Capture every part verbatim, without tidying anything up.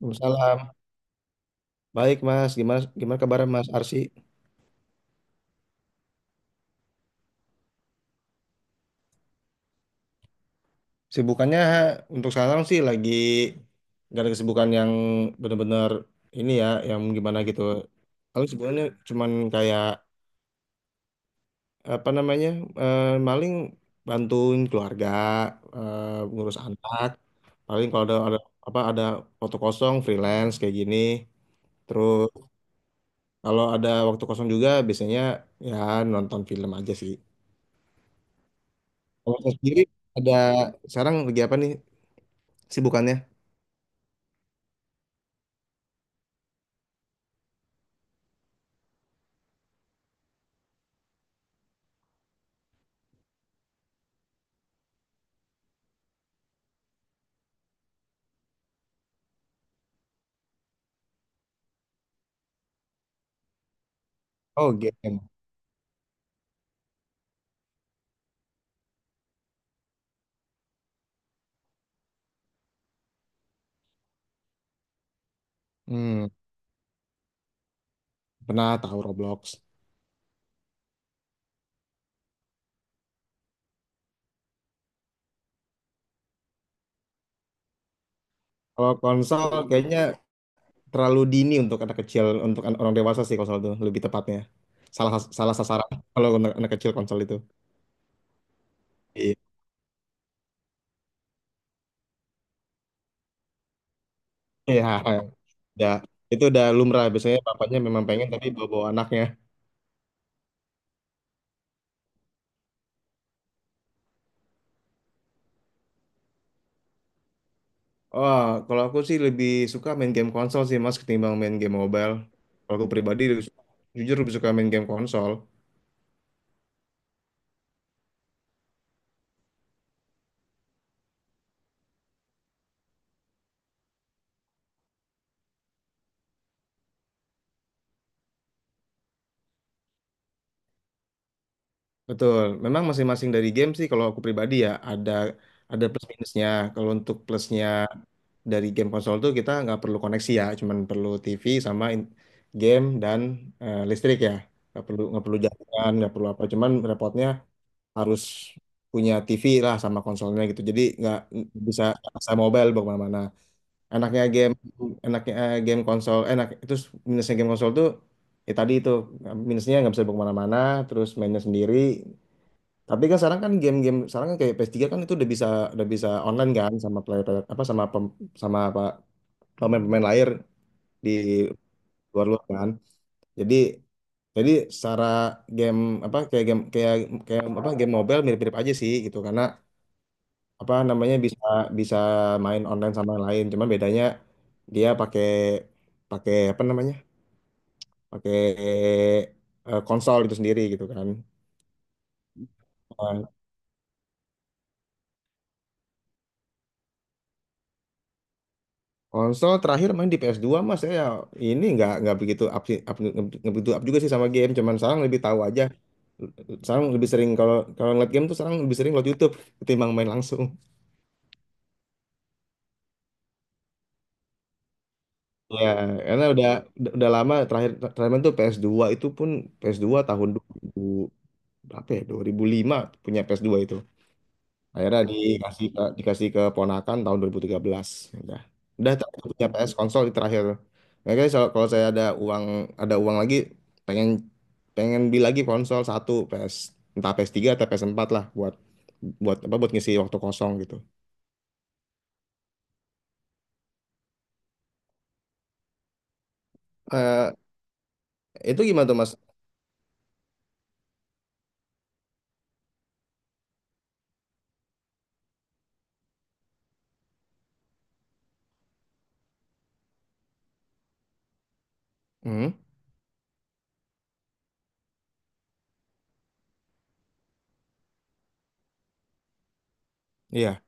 Waalaikumsalam. Baik Mas, gimana gimana kabar Mas Arsi? Sibukannya untuk sekarang sih lagi gak ada kesibukan yang benar-benar ini ya, yang gimana gitu. Kalau sebenarnya cuman kayak apa namanya, eh, maling bantuin keluarga, eh, ngurus anak. Paling kalau ada, ada apa ada waktu kosong freelance kayak gini. Terus kalau ada waktu kosong juga biasanya ya nonton film aja sih. Kalau saya sendiri ada sekarang lagi apa nih sibukannya? Oh, game. Hmm, Pernah tahu Roblox. Kalau konsol kayaknya terlalu dini untuk anak kecil, untuk an- orang dewasa sih konsol itu lebih tepatnya. Salah salah sasaran kalau anak, anak kecil konsol itu. Iya. Iya, ya. Itu udah lumrah biasanya bapaknya memang pengen tapi bawa-bawa anaknya. Oh, kalau aku sih lebih suka main game konsol sih Mas ketimbang main game mobile. Kalau aku pribadi lebih suka- jujur lebih suka main game konsol. Betul, memang masing-masing dari game sih kalau aku pribadi ya ada ada plus minusnya. Kalau untuk plusnya dari game konsol tuh kita nggak perlu koneksi ya, cuman perlu T V sama in- game dan eh, listrik ya. Nggak perlu nggak perlu jaringan, nggak perlu apa. Cuman repotnya harus punya T V lah sama konsolnya gitu. Jadi nggak nggak bisa asal mobile bawa kemana-mana. Enaknya game enaknya eh, game konsol enak. Terus minusnya game konsol tuh ya tadi itu minusnya nggak bisa dibawa kemana-mana. Terus mainnya sendiri tapi kan sekarang kan game-game sekarang kan kayak P S tiga kan itu udah bisa udah bisa online kan sama player player- apa sama pem, sama apa pemain-pemain lain di luar luar kan. Jadi jadi secara game apa kayak game kayak kayak apa game mobile mirip-mirip aja sih gitu karena apa namanya bisa bisa main online sama yang lain. Cuma bedanya dia pakai pakai apa namanya? Pakai eh, konsol itu sendiri gitu kan. Nah, konsol terakhir main di ps dua Mas, saya ini nggak nggak begitu up, sih- up, nggak begitu up juga sih sama game cuman sekarang lebih tahu aja sekarang lebih sering kalau kalau ngeliat game tuh sekarang lebih sering ngeliat YouTube ketimbang main langsung ya karena udah udah udah lama terakhir terakhir main tuh ps dua itu pun ps dua tahun dua ribu berapa ya dua ribu lima punya ps dua itu. Akhirnya dikasih ke, dikasih ke ponakan tahun dua ribu tiga belas. Udah. Udah tapi aku punya P S konsol di terakhir. Makanya kalau kalau saya ada uang ada uang lagi pengen pengen beli lagi konsol satu P S entah P S tiga atau P S empat lah buat buat apa buat ngisi waktu kosong gitu. Eh itu gimana tuh Mas? Hmm, iya.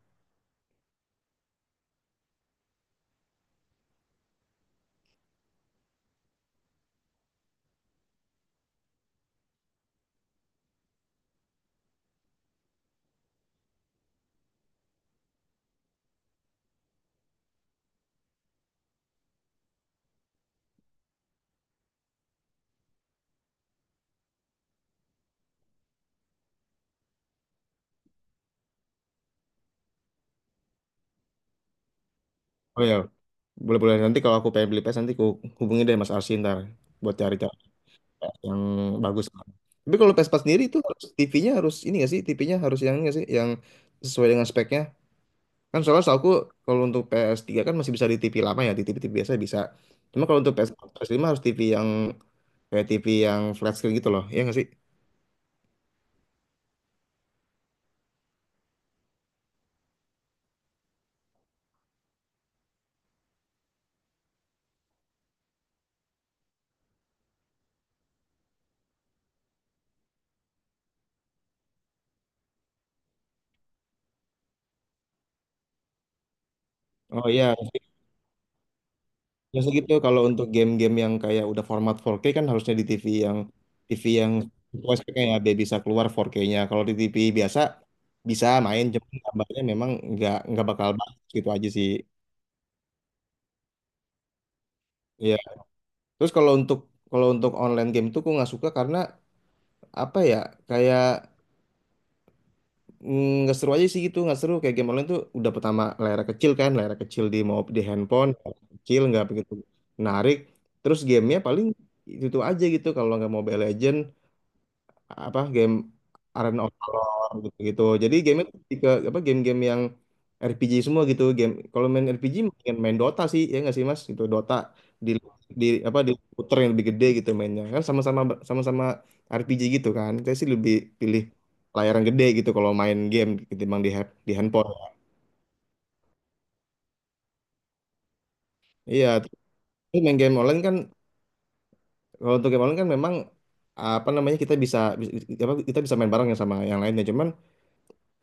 Oh iya. Boleh-boleh nanti kalau aku pengen beli P S nanti ku hubungi deh Mas Arsi ntar buat cari-cari yang bagus. Tapi kalau Vespa sendiri itu harus T V-nya harus ini nggak sih? T V-nya harus yang ini nggak sih? Yang sesuai dengan speknya. Kan soalnya setahu aku kalau untuk ps tiga kan masih bisa di T V lama ya, di T V-T V biasa bisa. Cuma kalau untuk P S empat, ps lima harus T V yang kayak T V yang flat screen gitu loh. Ya nggak sih? Oh iya, biasa gitu kalau untuk game-game yang kayak udah format empat K kan harusnya di T V yang T V yang sesuai speknya ya, biar bisa keluar empat K-nya. Kalau di T V biasa bisa main, cuma gambarnya memang nggak nggak bakal bagus gitu aja sih. Terus kalau untuk kalau untuk online game tuh gue nggak suka karena apa ya kayak mm, nggak seru aja sih gitu nggak seru kayak game online tuh udah pertama layar kecil kan layar kecil di mau di handphone kecil nggak begitu menarik terus gamenya paling itu, itu aja gitu kalau nggak Mobile Legend apa game Arena of Valor gitu-gitu. Jadi game itu lebih ke apa game-game yang R P G semua gitu. Game kalau main R P G mendingan main Dota sih ya nggak sih Mas? Itu Dota di di apa di komputer yang lebih gede gitu mainnya. Kan sama-sama sama-sama R P G gitu kan. Saya sih lebih pilih layar yang gede gitu kalau main game ketimbang di hap- di handphone. Iya, tapi main game online kan kalau untuk game online kan memang apa namanya kita bisa, bisa apa kita bisa main bareng ya sama yang lainnya. Cuman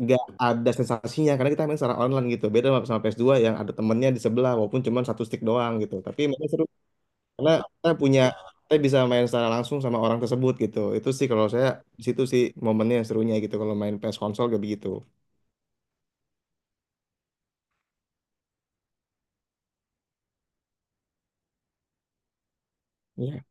nggak ada sensasinya karena kita main secara online gitu beda sama sama ps dua yang ada temennya di sebelah walaupun cuma satu stick doang gitu tapi memang seru karena kita punya kita bisa main secara langsung sama orang tersebut gitu itu sih kalau saya di situ sih momennya yang serunya gitu kalau main P S konsol kayak begitu. Iya.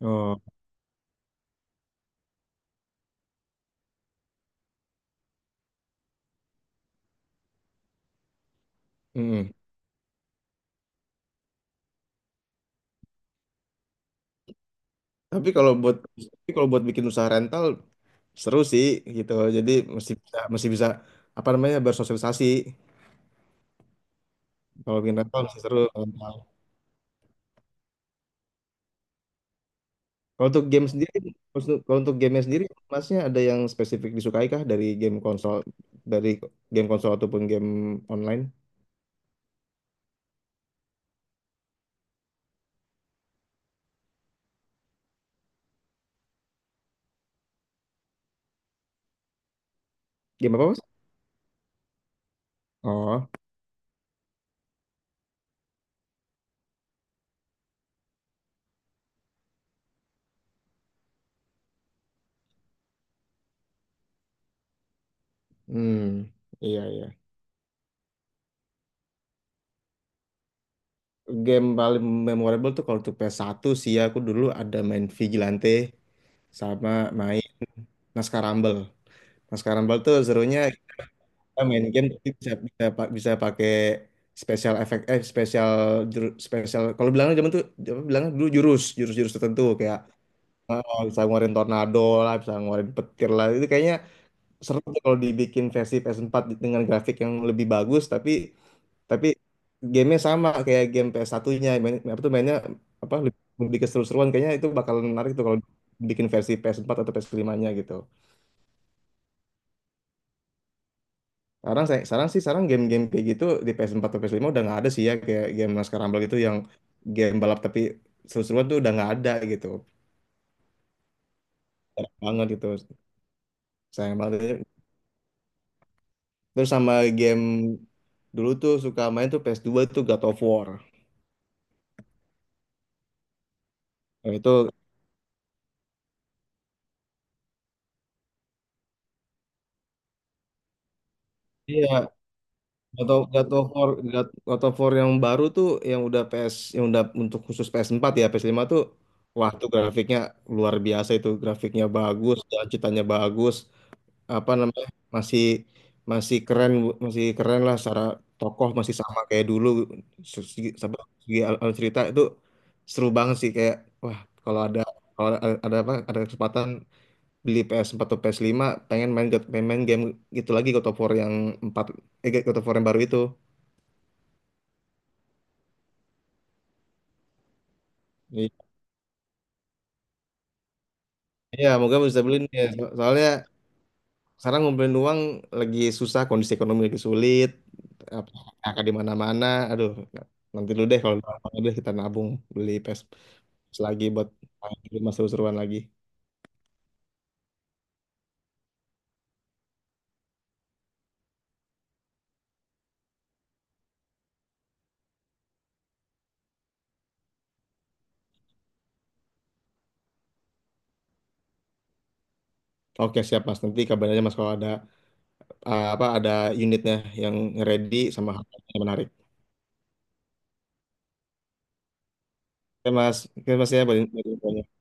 oh mm. Tapi kalau buat tapi kalau buat bikin usaha rental seru sih gitu jadi mesti bisa mesti bisa apa namanya bersosialisasi kalau bikin rental mesti seru. Kalau untuk game sendiri, kalau untuk game sendiri, masnya ada yang spesifik disukai kah dari game konsol, dari game konsol ataupun game online? Game apa Mas? Oh, hmm, iya iya. Game paling memorable tuh kalau untuk ps satu sih ya, aku dulu ada main Vigilante sama main Naskah Rumble. Naskah Rumble tuh serunya kita main game tapi bisa bisa pa- bisa pakai special effect eh special juru- special kalau bilang zaman tuh apa bilangnya dulu jurus jurus jurus tertentu kayak. Oh, bisa ngeluarin tornado lah, bisa ngeluarin petir lah. Itu kayaknya seru tuh kalau dibikin versi P S empat dengan grafik yang lebih bagus, tapi tapi gamenya sama kayak game P S satunya. Main, apa tuh mainnya apa lebih, lebih keseru-seruan. Kayaknya itu bakalan menarik tuh kalau bikin versi P S empat atau ps lima nya gitu. Sekarang saya sekarang sih sekarang game-game kayak gitu di P S empat atau ps lima udah nggak ada sih ya kayak game Laskar Rumble gitu yang game balap tapi seru-seruan tuh udah nggak ada gitu. Jarang banget gitu. Sayang banget. Terus sama game dulu tuh suka main tuh ps dua tuh God of War. Nah, itu. Iya. God of, God of War God, God of War yang baru tuh yang udah P S yang udah untuk khusus ps empat ya ps lima tuh wah tuh grafiknya luar biasa, itu grafiknya bagus dan ceritanya bagus, apa namanya masih masih keren masih keren lah, secara tokoh masih sama kayak dulu, segi, sama- segi al- alur cerita itu seru banget sih, kayak wah. Kalau ada kalau ada, ada apa ada kesempatan beli P S empat atau P S lima pengen main God- pengen main game gitu lagi God of War yang empat, eh God of War yang baru itu. Iya, iya, moga bisa beli nih. So- Soalnya sekarang ngumpulin uang lagi susah, kondisi ekonomi lagi sulit, apa kakak di mana-mana. Aduh, nanti dulu deh kalau udah deh kita nabung beli P S lagi buat di rumah seru-seruan lagi. Oke, siap Mas. Nanti kabarin aja Mas kalau ada uh, apa ada unitnya yang ready sama harganya yang menarik. Oke, Mas. Oke, Mas ya. Boleh.